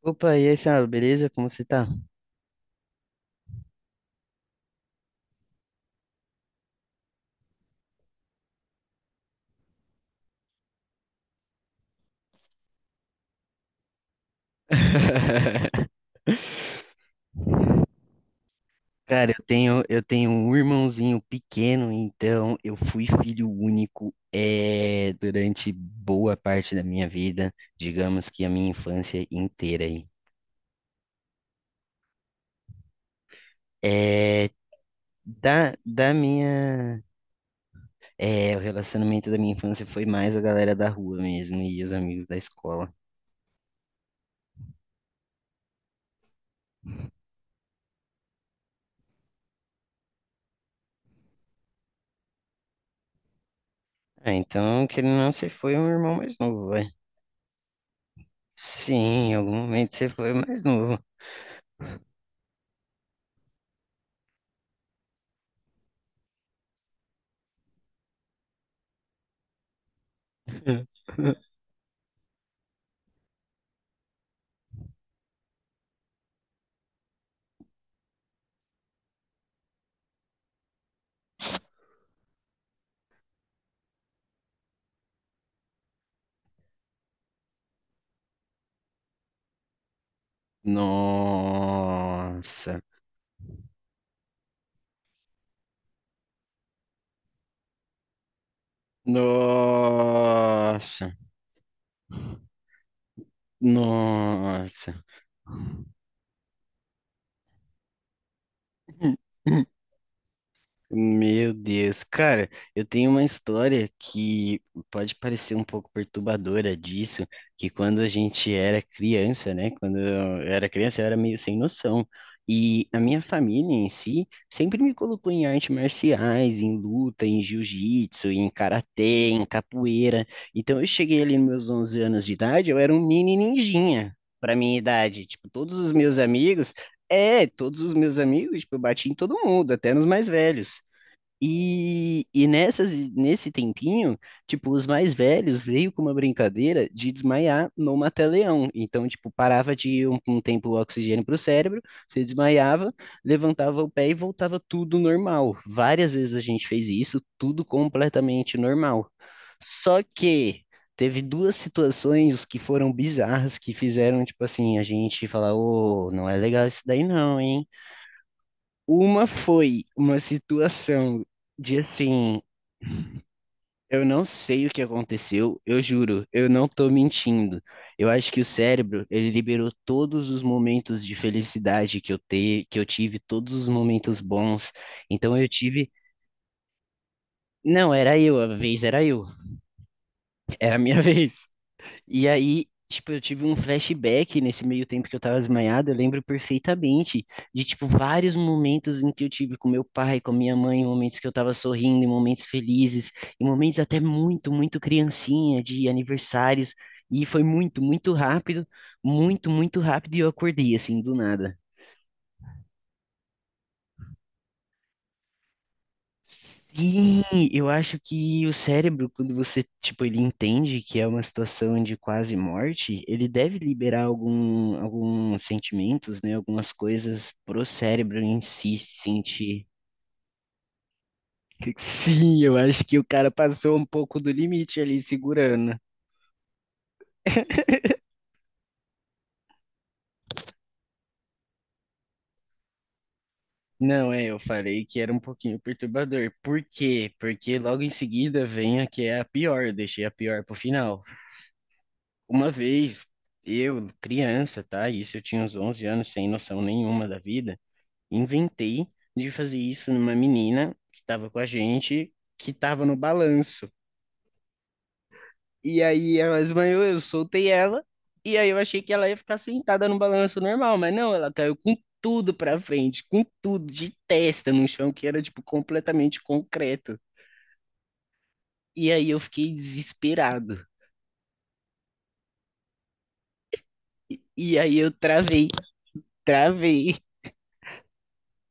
Opa, e aí, senhora, beleza? Como você tá? Cara, eu tenho um irmãozinho pequeno, então eu fui filho único durante boa parte da minha vida, digamos que a minha infância inteira aí. É, da, da minha, o relacionamento da minha infância foi mais a galera da rua mesmo e os amigos da escola. Ah, então, querendo ou não, você foi um irmão mais novo, vai. Sim, em algum momento você foi mais novo. Nossa. Nossa, nossa. Meu Deus, cara, eu tenho uma história que pode parecer um pouco perturbadora disso, que quando a gente era criança, né? Quando eu era criança, eu era meio sem noção. E a minha família em si sempre me colocou em artes marciais, em luta, em jiu-jitsu, em karatê, em capoeira. Então eu cheguei ali nos meus 11 anos de idade, eu era um mini ninjinha para minha idade. Tipo, todos os meus amigos, é, todos os meus amigos, tipo, eu bati em todo mundo, até nos mais velhos. Nesse tempinho, tipo, os mais velhos veio com uma brincadeira de desmaiar no mata-leão. Então, tipo, parava de um tempo o oxigênio para o cérebro, você desmaiava, levantava o pé e voltava tudo normal. Várias vezes a gente fez isso, tudo completamente normal. Só que teve duas situações que foram bizarras, que fizeram, tipo assim, a gente falar, ô, não é legal isso daí não, hein? Uma foi uma situação de assim, eu não sei o que aconteceu, eu juro, eu não tô mentindo. Eu acho que o cérebro, ele liberou todos os momentos de felicidade que eu tive, todos os momentos bons. Então eu tive, não, era eu, a vez era eu, era a minha vez. E aí, tipo, eu tive um flashback nesse meio tempo que eu tava desmaiado, eu lembro perfeitamente de, tipo, vários momentos em que eu tive com meu pai, com minha mãe, momentos que eu tava sorrindo, em momentos felizes, em momentos até muito, muito criancinha, de aniversários, e foi muito, muito rápido, e eu acordei, assim, do nada. Sim, eu acho que o cérebro, quando você, tipo, ele entende que é uma situação de quase morte, ele deve liberar algum, alguns sentimentos, né? Algumas coisas pro cérebro em si sentir. Sim, eu acho que o cara passou um pouco do limite ali segurando. Não, é, eu falei que era um pouquinho perturbador. Por quê? Porque logo em seguida vem a que é a pior, eu deixei a pior pro final. Uma vez, eu, criança, tá? Isso eu tinha uns 11 anos, sem noção nenhuma da vida, inventei de fazer isso numa menina que estava com a gente, que estava no balanço. E aí ela esbanhou eu soltei ela, e aí eu achei que ela ia ficar sentada no balanço normal, mas não, ela caiu com tudo pra frente, com tudo, de testa no chão, que era, tipo, completamente concreto. E aí eu fiquei desesperado. E aí eu travei.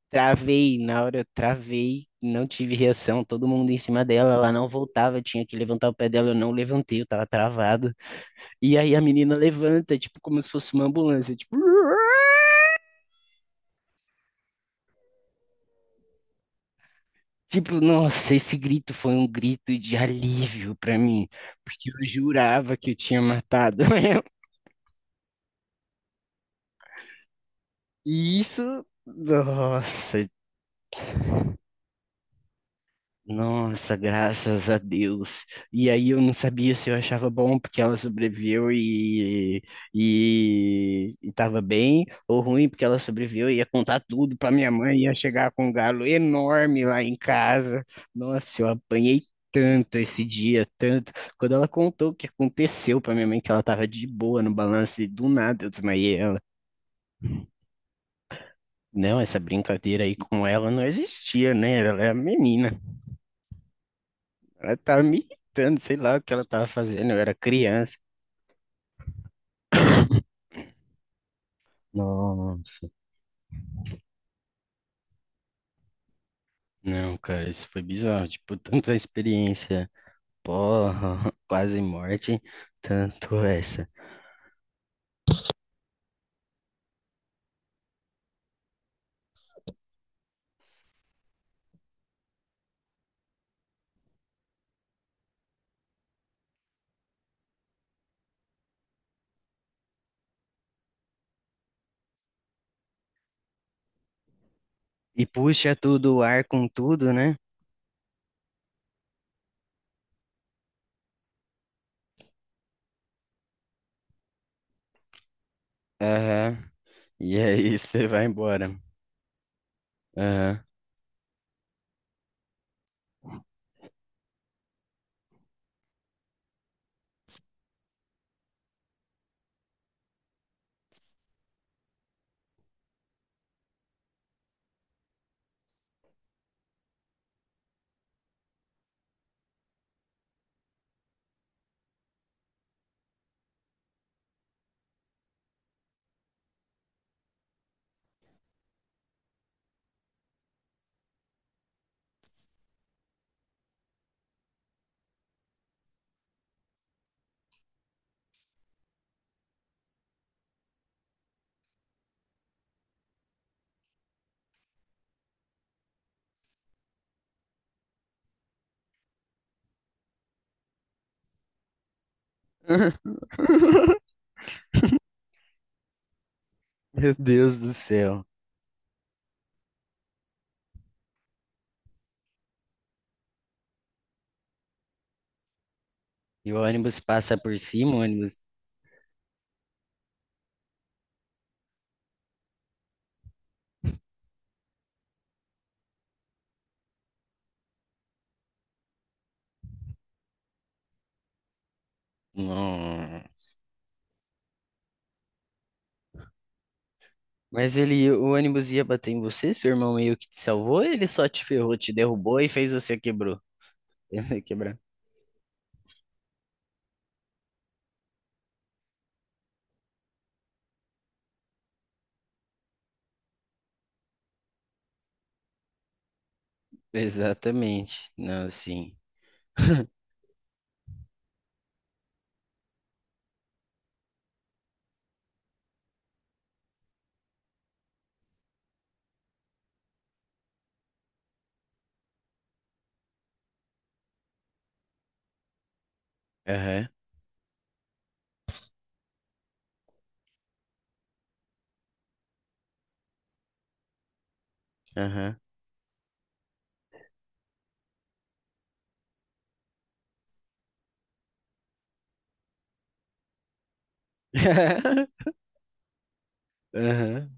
Travei na hora, eu travei, não tive reação, todo mundo em cima dela, ela não voltava, eu tinha que levantar o pé dela, eu não levantei, eu tava travado. E aí a menina levanta, tipo, como se fosse uma ambulância, tipo, "Uar". Tipo, nossa, esse grito foi um grito de alívio pra mim, porque eu jurava que eu tinha matado ela. E isso, nossa, nossa, graças a Deus. E aí eu não sabia se eu achava bom porque ela sobreviveu e tava bem, ou ruim porque ela sobreviveu e ia contar tudo pra minha mãe, ia chegar com um galo enorme lá em casa. Nossa, eu apanhei tanto esse dia, tanto. Quando ela contou o que aconteceu pra minha mãe, que ela tava de boa no balanço e do nada eu desmaiei ela. Não, essa brincadeira aí com ela não existia, né? Ela é a menina. Ela tava me irritando, sei lá o que ela tava fazendo, eu era criança. Nossa, não, cara, isso foi bizarro. Tipo, tanto a experiência, porra, quase morte, tanto essa. E puxa tudo o ar com tudo, né? Aham. E aí você vai embora. Aham. Meu Deus do céu. E o ônibus passa por cima, o ônibus. Não. Mas ele, o ônibus ia bater em você? Seu irmão meio que te salvou? Ou ele só te ferrou, te derrubou e fez você quebrou. Quebrar. Exatamente. Não, sim. Aham, aham. Aham.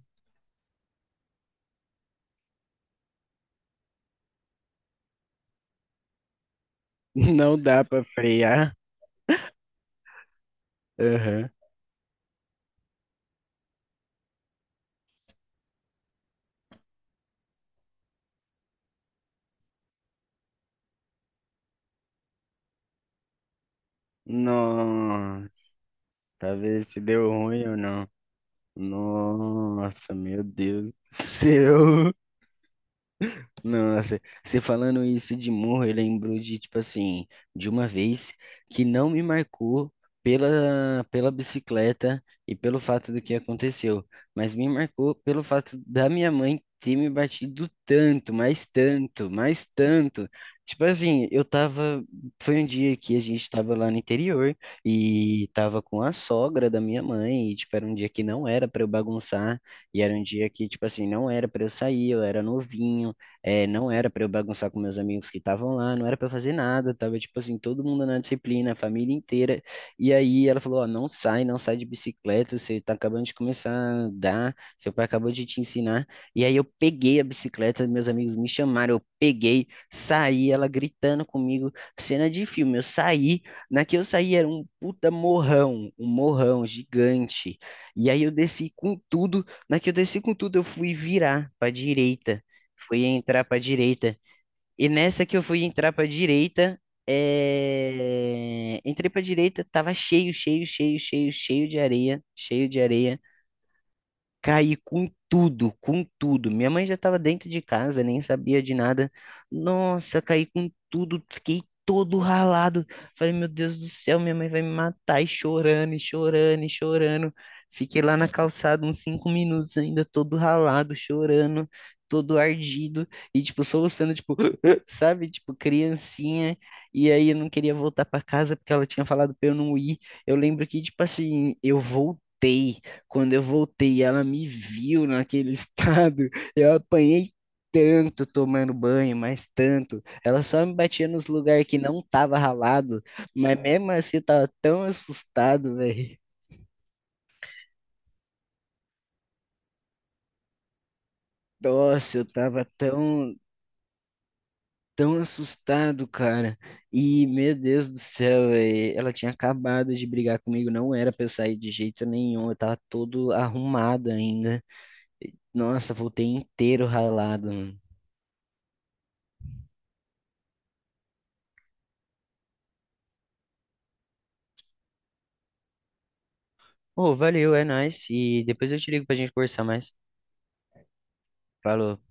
Não dá pra frear. Aham. Nossa, pra ver se deu ruim ou não. Nossa, meu Deus do céu. Nossa, você falando isso de morro, eu lembro de, tipo assim, de uma vez que não me marcou pela, pela bicicleta e pelo fato do que aconteceu, mas me marcou pelo fato da minha mãe ter me batido tanto, mais tanto, mais tanto. Tipo assim, eu tava. Foi um dia que a gente tava lá no interior e tava com a sogra da minha mãe, e, tipo, era um dia que não era pra eu bagunçar, e era um dia que, tipo assim, não era pra eu sair, eu era novinho. É, não era para eu bagunçar com meus amigos que estavam lá, não era para fazer nada, tava tipo assim, todo mundo na disciplina, a família inteira. E aí ela falou: Ó, não sai, não sai de bicicleta, você tá acabando de começar a andar, seu pai acabou de te ensinar. E aí eu peguei a bicicleta, meus amigos me chamaram, eu peguei, saí, ela gritando comigo, cena de filme. Eu saí, na que eu saí era um puta morrão, um morrão gigante. E aí eu desci com tudo, na que eu desci com tudo, eu fui virar pra direita. Fui entrar pra direita. E nessa que eu fui entrar pra direita, é... entrei pra direita, tava cheio, cheio, cheio, cheio, cheio de areia, cheio de areia. Caí com tudo, com tudo. Minha mãe já estava dentro de casa, nem sabia de nada. Nossa, caí com tudo, fiquei todo ralado. Falei, meu Deus do céu, minha mãe vai me matar. E chorando, e chorando, e chorando. Fiquei lá na calçada uns 5 minutos ainda, todo ralado, chorando, todo ardido. E, tipo, soluçando, tipo, sabe? Tipo, criancinha. E aí eu não queria voltar para casa porque ela tinha falado pra eu não ir. Eu lembro que, tipo assim, eu voltei. Quando eu voltei, ela me viu naquele estado. Eu apanhei tanto tomando banho, mas tanto. Ela só me batia nos lugares que não tava ralado. Mas mesmo assim, eu tava tão assustado, velho. Nossa, eu tava tão, tão assustado, cara. E, meu Deus do céu, velho. Ela tinha acabado de brigar comigo. Não era pra eu sair de jeito nenhum. Eu tava todo arrumado ainda. Nossa, voltei inteiro ralado, mano. Ô, valeu, é nóis. E depois eu te ligo pra gente conversar mais. Falou.